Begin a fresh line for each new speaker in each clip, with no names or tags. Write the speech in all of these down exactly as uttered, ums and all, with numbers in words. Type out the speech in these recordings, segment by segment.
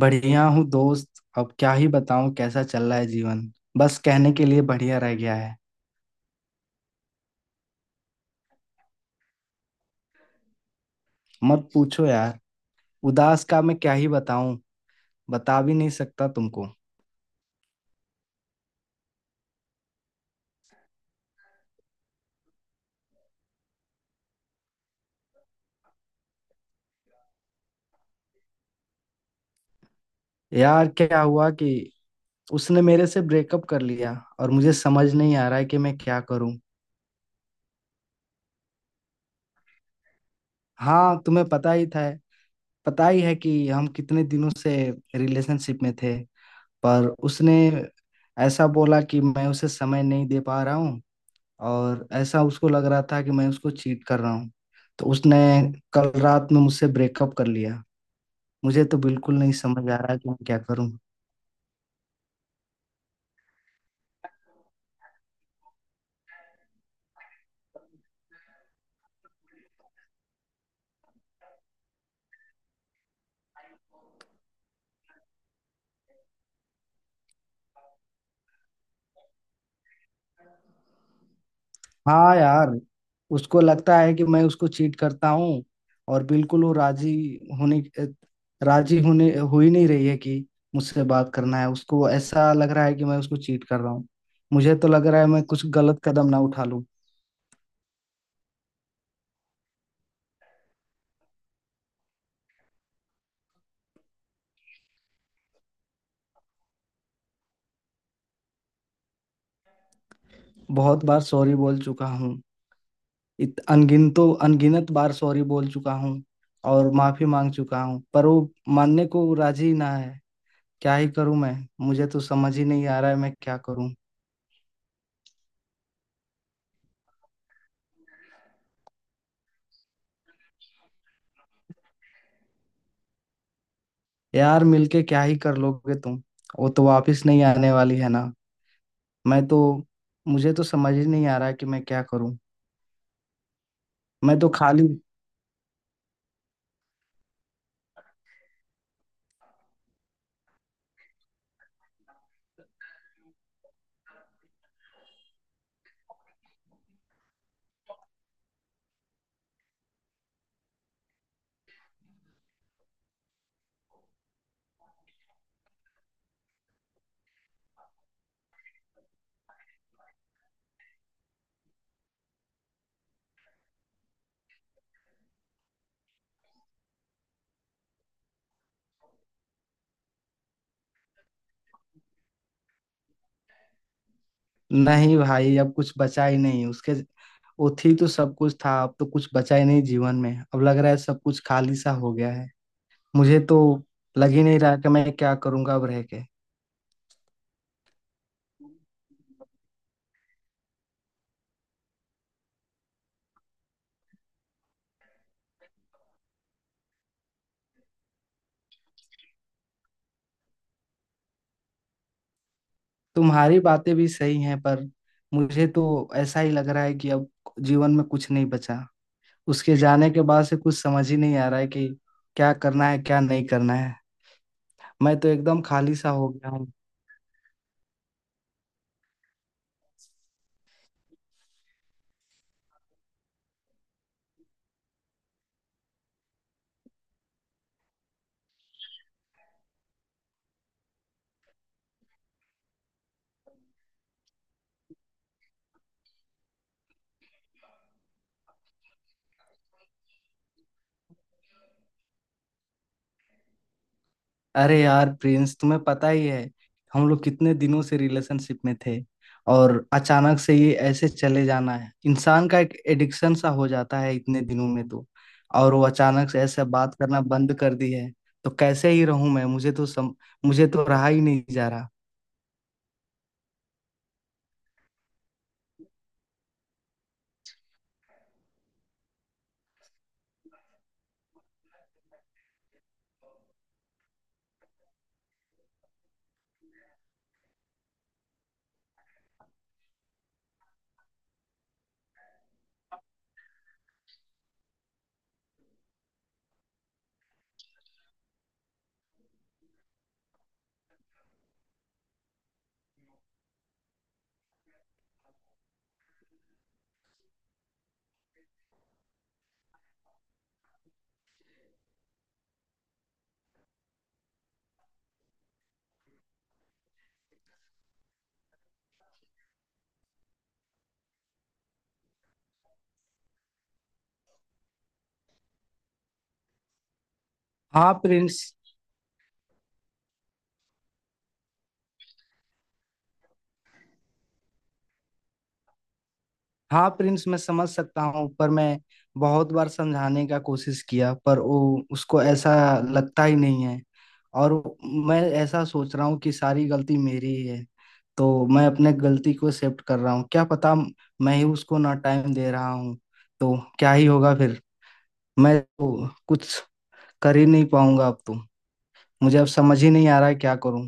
बढ़िया हूँ दोस्त। अब क्या ही बताऊँ कैसा चल रहा है जीवन। बस कहने के लिए बढ़िया रह गया है। मत पूछो यार। उदास का मैं क्या ही बताऊँ। बता भी नहीं सकता तुमको। यार क्या हुआ कि उसने मेरे से ब्रेकअप कर लिया। और मुझे समझ नहीं आ रहा है कि मैं क्या करूँ। हाँ, तुम्हें पता ही था। पता ही है कि हम कितने दिनों से रिलेशनशिप में थे। पर उसने ऐसा बोला कि मैं उसे समय नहीं दे पा रहा हूँ। और ऐसा उसको लग रहा था कि मैं उसको चीट कर रहा हूँ। तो उसने कल रात में मुझसे ब्रेकअप कर लिया। मुझे तो बिल्कुल नहीं समझ आ रहा है कि मैं क्या करूँ। हाँ यार, उसको लगता है कि मैं उसको चीट करता हूँ। और बिल्कुल वो राजी होने राजी होने हो ही नहीं रही है कि मुझसे बात करना है। उसको ऐसा लग रहा है कि मैं उसको चीट कर रहा हूँ। मुझे तो लग रहा है मैं कुछ गलत कदम ना उठा लूँ। बहुत बार सॉरी बोल चुका हूँ। इत अनगिन तो अनगिनत बार सॉरी बोल चुका हूँ। और माफी मांग चुका हूँ। पर वो मानने को राजी ना है। क्या ही करूँ मैं। मुझे तो समझ ही नहीं आ रहा है मैं क्या करूँ। यार मिलके क्या ही कर लोगे तुम। वो तो वापस नहीं आने वाली है ना। मैं तो मुझे तो समझ ही नहीं आ रहा है कि मैं क्या करूँ। मैं तो खाली। नहीं भाई, अब कुछ बचा ही नहीं उसके। वो थी तो सब कुछ था। अब तो कुछ बचा ही नहीं जीवन में। अब लग रहा है सब कुछ खाली सा हो गया है। मुझे तो लग ही नहीं रहा कि मैं क्या करूंगा अब रह के। तुम्हारी बातें भी सही हैं, पर मुझे तो ऐसा ही लग रहा है कि अब जीवन में कुछ नहीं बचा। उसके जाने के बाद से कुछ समझ ही नहीं आ रहा है कि क्या करना है क्या नहीं करना है। मैं तो एकदम खाली सा हो गया हूँ। अरे यार प्रिंस, तुम्हें पता ही है हम लोग कितने दिनों से रिलेशनशिप में थे। और अचानक से ये ऐसे चले जाना है, इंसान का एक एडिक्शन सा हो जाता है इतने दिनों में तो। और वो अचानक से ऐसे बात करना बंद कर दी है। तो कैसे ही रहूं मैं। मुझे तो सम मुझे तो रहा ही नहीं जा रहा। हाँ प्रिंस हाँ प्रिंस, मैं समझ सकता हूँ। पर मैं बहुत बार समझाने का कोशिश किया, पर वो उसको ऐसा लगता ही नहीं है। और मैं ऐसा सोच रहा हूँ कि सारी गलती मेरी ही है। तो मैं अपने गलती को एक्सेप्ट कर रहा हूँ। क्या पता, मैं ही उसको ना टाइम दे रहा हूँ। तो क्या ही होगा फिर। मैं तो कुछ कर ही नहीं पाऊंगा अब तो। मुझे अब समझ ही नहीं आ रहा है क्या करूँ।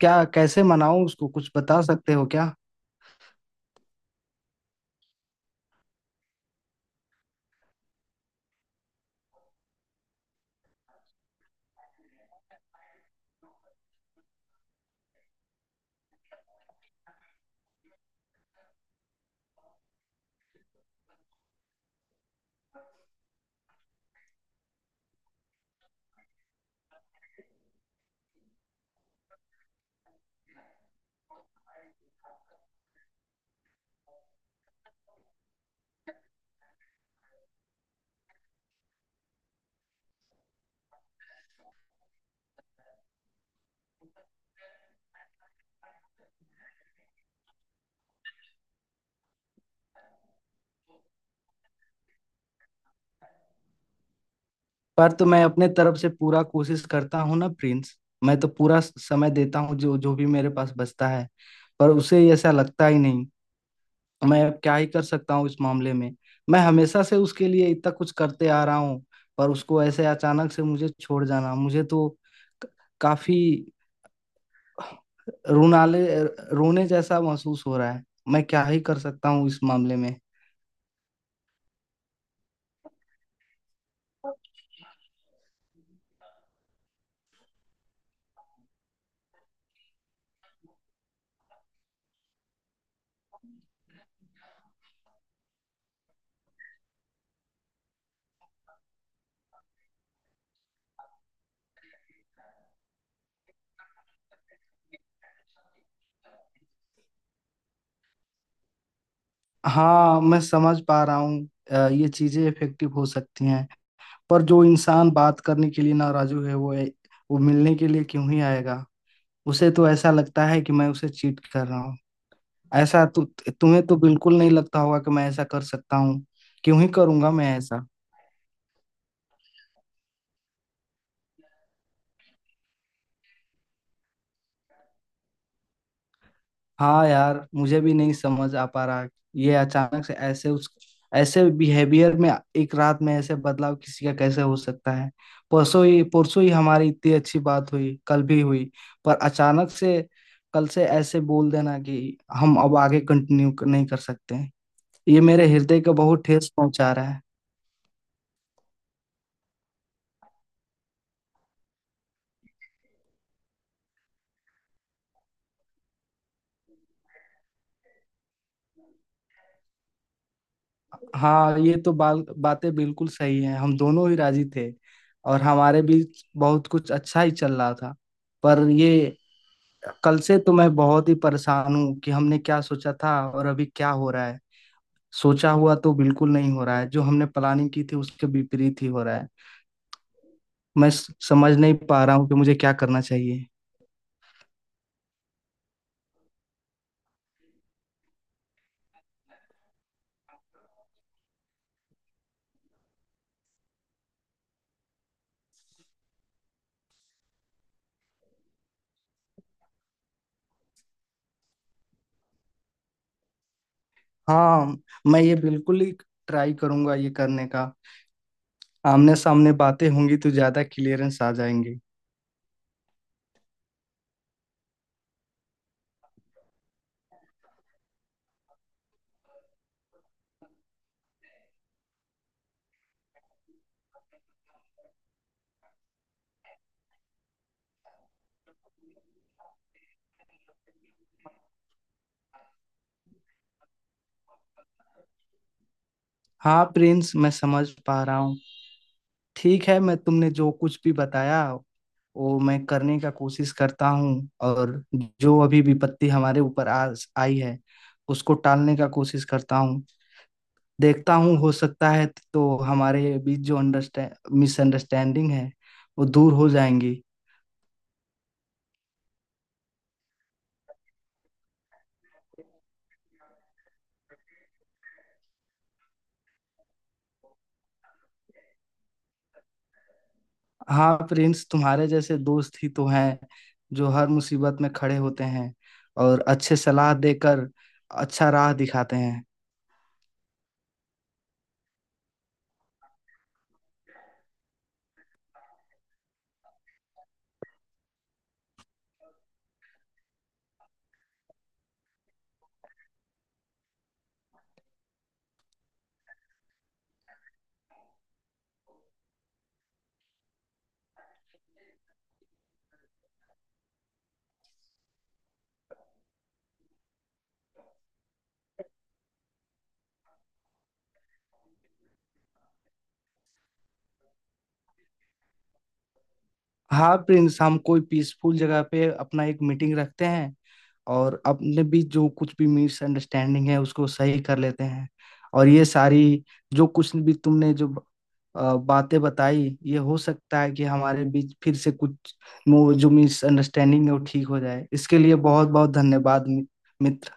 क्या कैसे मनाऊं उसको, कुछ बता सकते हो क्या। पर तो मैं अपने तरफ से पूरा कोशिश करता हूँ ना प्रिंस। मैं तो पूरा समय देता हूँ जो जो भी मेरे पास बचता है। पर उसे ऐसा लगता ही नहीं। मैं अब क्या ही कर सकता हूँ इस मामले में। मैं हमेशा से उसके लिए इतना कुछ करते आ रहा हूँ। पर उसको ऐसे अचानक से मुझे छोड़ जाना, मुझे तो क- काफी रोनाले रोने जैसा महसूस हो रहा है। मैं क्या ही कर सकता हूँ इस मामले में। हाँ, मैं समझ पा रहा हूँ। अ, ये चीजें इफेक्टिव हो सकती हैं। पर जो इंसान बात करने के लिए नाराजू है, वो वो मिलने के लिए क्यों ही आएगा। उसे तो ऐसा लगता है कि मैं उसे चीट कर रहा हूँ। ऐसा तु, तुम्हें तो बिल्कुल नहीं लगता होगा कि मैं ऐसा कर सकता हूँ। क्यों ही करूंगा मैं ऐसा। हाँ यार, मुझे भी नहीं समझ आ पा रहा। ये अचानक से ऐसे उस ऐसे बिहेवियर में एक रात में ऐसे बदलाव किसी का कैसे हो सकता है। परसों ही परसों ही हमारी इतनी अच्छी बात हुई, कल भी हुई। पर अचानक से कल से ऐसे बोल देना कि हम अब आगे कंटिन्यू नहीं कर सकते हैं, ये मेरे हृदय को बहुत ठेस पहुंचा रहा है। हाँ ये तो बाल बातें बिल्कुल सही हैं, हम दोनों ही राजी थे। और हमारे बीच बहुत कुछ अच्छा ही चल रहा था। पर ये कल से तो मैं बहुत ही परेशान हूँ कि हमने क्या सोचा था और अभी क्या हो रहा है। सोचा हुआ तो बिल्कुल नहीं हो रहा है, जो हमने प्लानिंग की थी उसके विपरीत ही हो रहा है। मैं स- समझ नहीं पा रहा हूँ कि मुझे क्या करना चाहिए। हाँ, मैं ये बिल्कुल ही ट्राई करूंगा ये करने का। आमने सामने बातें होंगी तो ज्यादा क्लियरेंस आ जाएंगे। हाँ प्रिंस, मैं समझ पा रहा हूँ। ठीक है, मैं तुमने जो कुछ भी बताया वो मैं करने का कोशिश करता हूँ। और जो अभी विपत्ति हमारे ऊपर आ आई है, उसको टालने का कोशिश करता हूँ। देखता हूँ, हो सकता है तो हमारे बीच जो अंडरस्टैंड मिसअंडरस्टैंडिंग है वो दूर हो जाएंगी। हाँ प्रिंस, तुम्हारे जैसे दोस्त ही तो हैं जो हर मुसीबत में खड़े होते हैं और अच्छे सलाह देकर अच्छा राह दिखाते हैं। हाँ प्रिंस, हम कोई पीसफुल जगह पे अपना एक मीटिंग रखते हैं और अपने बीच जो कुछ भी मिसअंडरस्टैंडिंग है उसको सही कर लेते हैं। और ये सारी जो कुछ भी तुमने जो अ, बातें बताई, ये हो सकता है कि हमारे बीच फिर से कुछ मो- जो मिसअंडरस्टैंडिंग है वो ठीक हो जाए। इसके लिए बहुत बहुत धन्यवाद मि- मित्र।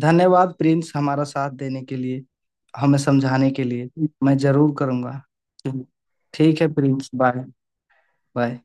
धन्यवाद प्रिंस हमारा साथ देने के लिए, हमें समझाने के लिए। मैं जरूर करूँगा। ठीक है प्रिंस, बाय। बाय।